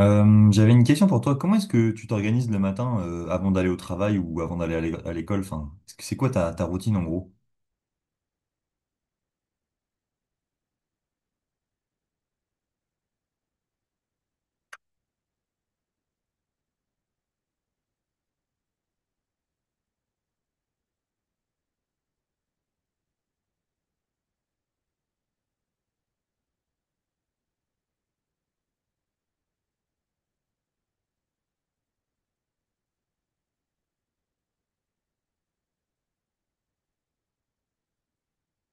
J'avais une question pour toi. Comment est-ce que tu t'organises le matin avant d'aller au travail ou avant d'aller à l'école? Enfin, c'est quoi ta routine en gros?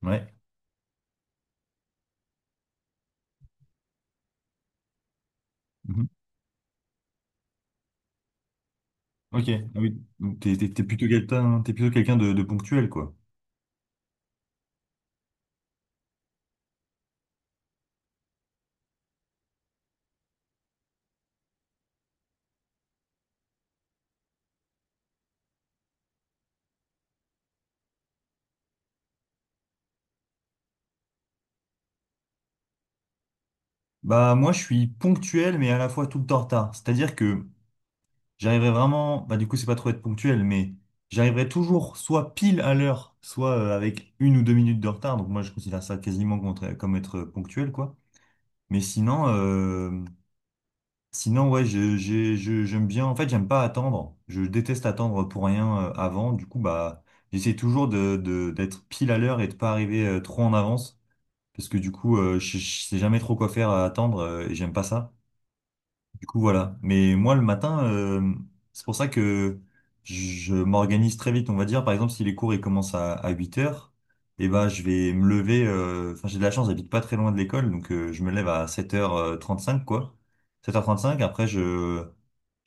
Ouais. Mhm. Ok. Ah oui. Donc t'es plutôt quelqu'un de ponctuel, quoi. Bah moi je suis ponctuel mais à la fois tout le temps en retard. C'est-à-dire que j'arriverai vraiment, bah du coup c'est pas trop être ponctuel, mais j'arriverai toujours soit pile à l'heure, soit avec une ou deux minutes de retard. Donc moi je considère ça quasiment comme être ponctuel, quoi. Mais sinon. Sinon, ouais, j'aime bien. En fait, j'aime pas attendre. Je déteste attendre pour rien avant. Du coup, bah, j'essaie toujours d'être pile à l'heure et de pas arriver trop en avance. Parce que du coup, je sais jamais trop quoi faire à attendre et j'aime pas ça. Du coup, voilà. Mais moi, le matin, c'est pour ça que je m'organise très vite. On va dire, par exemple, si les cours ils commencent à 8 heures, eh ben, je vais me lever. Enfin, j'ai de la chance, j'habite pas très loin de l'école, donc je me lève à sept heures trente-cinq quoi. Sept heures trente-cinq. Après,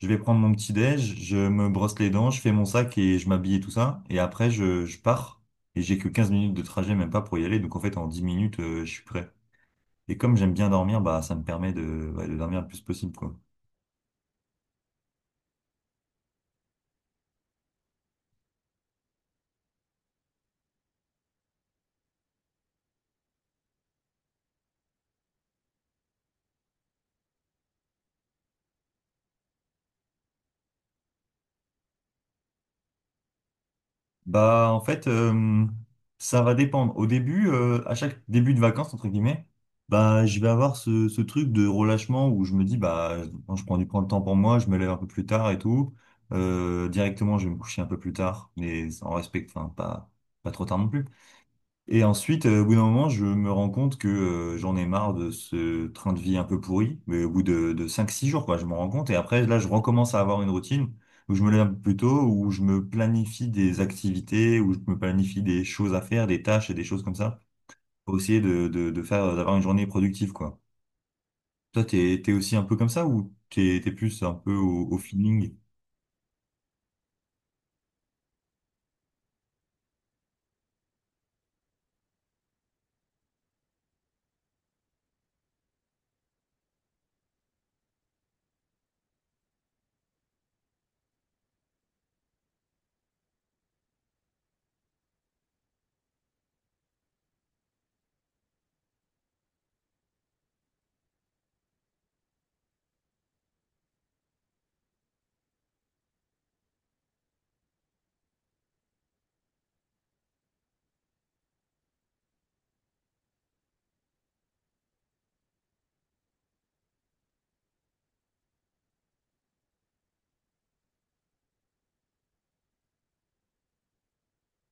je vais prendre mon petit déj, je me brosse les dents, je fais mon sac et je m'habille et tout ça. Et après, je pars. Et j'ai que 15 minutes de trajet, même pas pour y aller. Donc, en fait, en 10 minutes, je suis prêt. Et comme j'aime bien dormir, bah, ça me permet de, ouais, de dormir le plus possible, quoi. Bah, en fait, ça va dépendre. Au début, à chaque début de vacances, entre guillemets, bah, je vais avoir ce truc de relâchement où je me dis, bah, quand je prends le temps pour moi, je me lève un peu plus tard et tout. Directement, je vais me coucher un peu plus tard, mais en respect, enfin, pas trop tard non plus. Et ensuite, au bout d'un moment, je me rends compte que j'en ai marre de ce train de vie un peu pourri. Mais au bout de 5-6 jours, quoi, je me rends compte. Et après, là, je recommence à avoir une routine où je me lève plus tôt, où je me planifie des activités, où je me planifie des choses à faire, des tâches et des choses comme ça, pour essayer de faire, d'avoir une journée productive, quoi. Toi, t'es aussi un peu comme ça ou t'es plus un peu au feeling?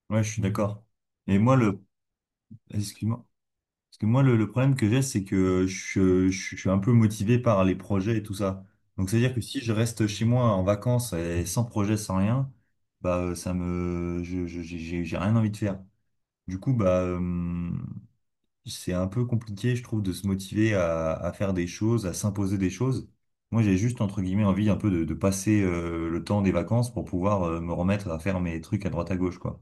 Ouais, je suis d'accord. Et moi, le... Excuse-moi. Parce que moi, le problème que j'ai, c'est que je suis un peu motivé par les projets et tout ça. Donc, c'est-à-dire que si je reste chez moi en vacances et sans projet, sans rien, bah, ça me, je- j'ai rien envie de faire. Du coup, bah, c'est un peu compliqué, je trouve, de se motiver à faire des choses, à s'imposer des choses. Moi, j'ai juste, entre guillemets, envie un peu de passer, le temps des vacances pour pouvoir, me remettre à faire mes trucs à droite à gauche, quoi.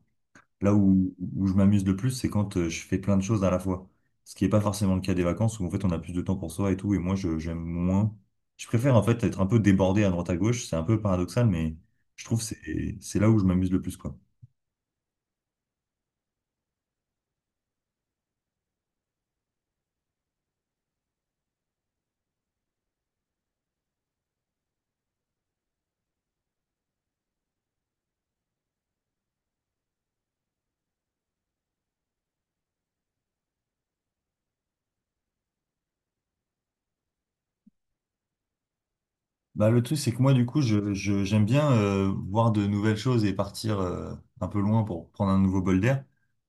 Là où je m'amuse le plus, c'est quand je fais plein de choses à la fois. Ce qui n'est pas forcément le cas des vacances où en fait on a plus de temps pour soi et tout. Et moi, j'aime moins. Je préfère en fait être un peu débordé à droite à gauche. C'est un peu paradoxal, mais je trouve que c'est là où je m'amuse le plus, quoi. Bah, le truc, c'est que moi, du coup, j'aime bien voir de nouvelles choses et partir un peu loin pour prendre un nouveau bol d'air.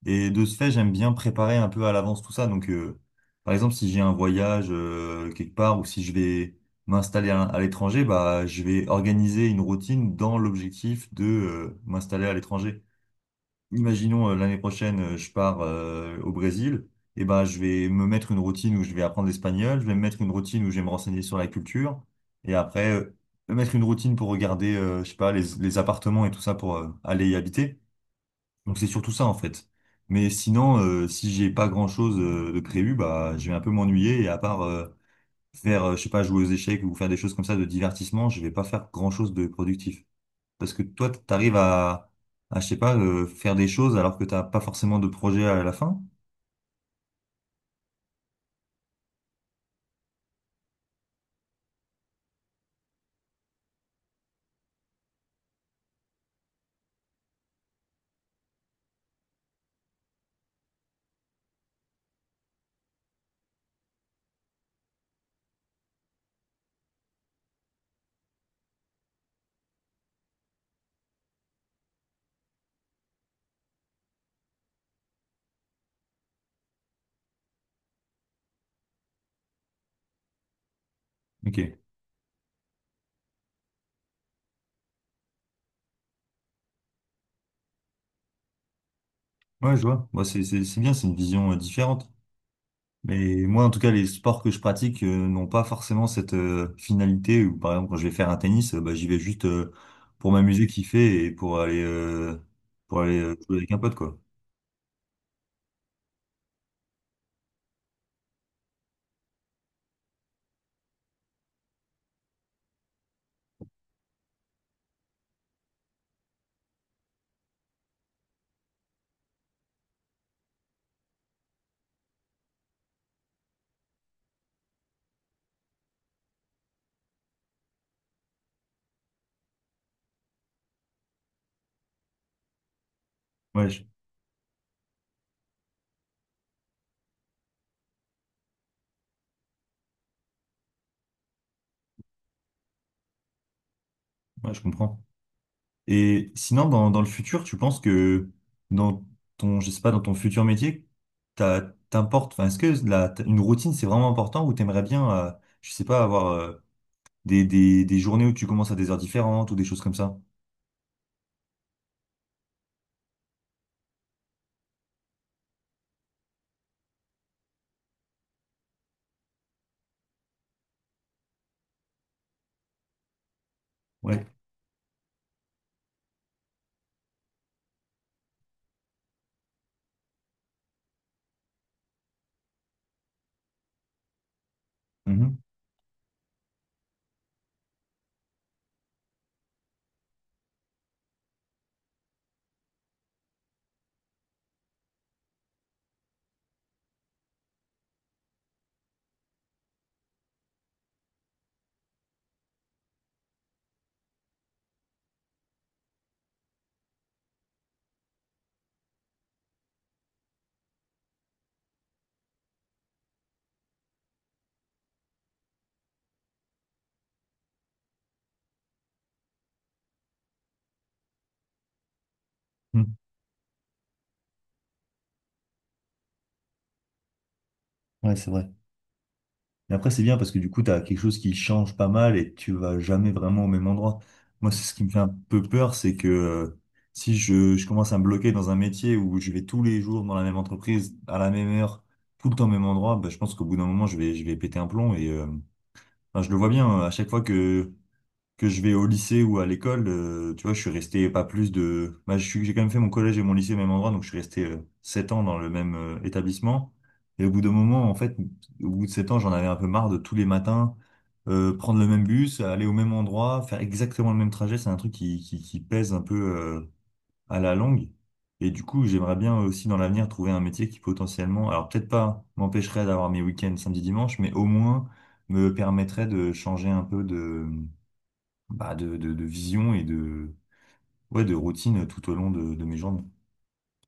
Et de ce fait, j'aime bien préparer un peu à l'avance tout ça. Donc, par exemple, si j'ai un voyage quelque part ou si je vais m'installer à l'étranger, bah, je vais organiser une routine dans l'objectif de m'installer à l'étranger imaginons l'année prochaine, je pars au Brésil, et ben je vais me mettre une routine où je vais apprendre l'espagnol, je vais me mettre une routine où je vais me renseigner sur la culture, et après me mettre une routine pour regarder, je sais pas, les appartements et tout ça pour aller y habiter. Donc c'est surtout ça en fait. Mais sinon, si j'ai pas grand-chose de prévu, bah je vais un peu m'ennuyer et à part faire, je sais pas, jouer aux échecs ou faire des choses comme ça de divertissement, je vais pas faire grand-chose de productif. Parce que toi, à, je sais pas, faire des choses alors que t'as pas forcément de projet à la fin. Ok. Ouais, je vois. Moi, c'est bien, c'est une vision différente. Mais moi, en tout cas, les sports que je pratique n'ont pas forcément cette finalité. Où, par exemple, quand je vais faire un tennis, bah, j'y vais juste pour m'amuser, kiffer et pour aller, jouer avec un pote, quoi. Ouais, je, ouais, je comprends. Et sinon, dans le futur, tu penses que dans ton, je sais pas, dans ton futur métier, t'as, t'importe, enfin, est-ce que une routine, c'est vraiment important ou t'aimerais bien, je sais pas, avoir des, des journées où tu commences à des heures différentes ou des choses comme ça? Ouais. Mhm. Mhm. Ouais, c'est vrai. Mais après, c'est bien parce que du coup, tu as quelque chose qui change pas mal et tu vas jamais vraiment au même endroit. Moi, c'est ce qui me fait un peu peur, c'est que si je commence à me bloquer dans un métier où je vais tous les jours dans la même entreprise, à la même heure, tout le temps au même endroit, bah, je pense qu'au bout d'un moment, je vais péter un plomb. Et enfin, je le vois bien, à chaque fois que je vais au lycée ou à l'école, tu vois, je suis resté pas plus de... Bah, j'ai quand même fait mon collège et mon lycée au même endroit, donc je suis resté 7 ans dans le même établissement. Et au bout d'un moment, en fait, au bout de 7 ans, j'en avais un peu marre de tous les matins prendre le même bus, aller au même endroit, faire exactement le même trajet. C'est un truc qui pèse un peu à la longue. Et du coup, j'aimerais bien aussi dans l'avenir trouver un métier qui potentiellement, alors peut-être pas m'empêcherait d'avoir mes week-ends samedi dimanche, mais au moins me permettrait de changer un peu de bah, de vision et de, ouais, de routine tout au long de mes journées.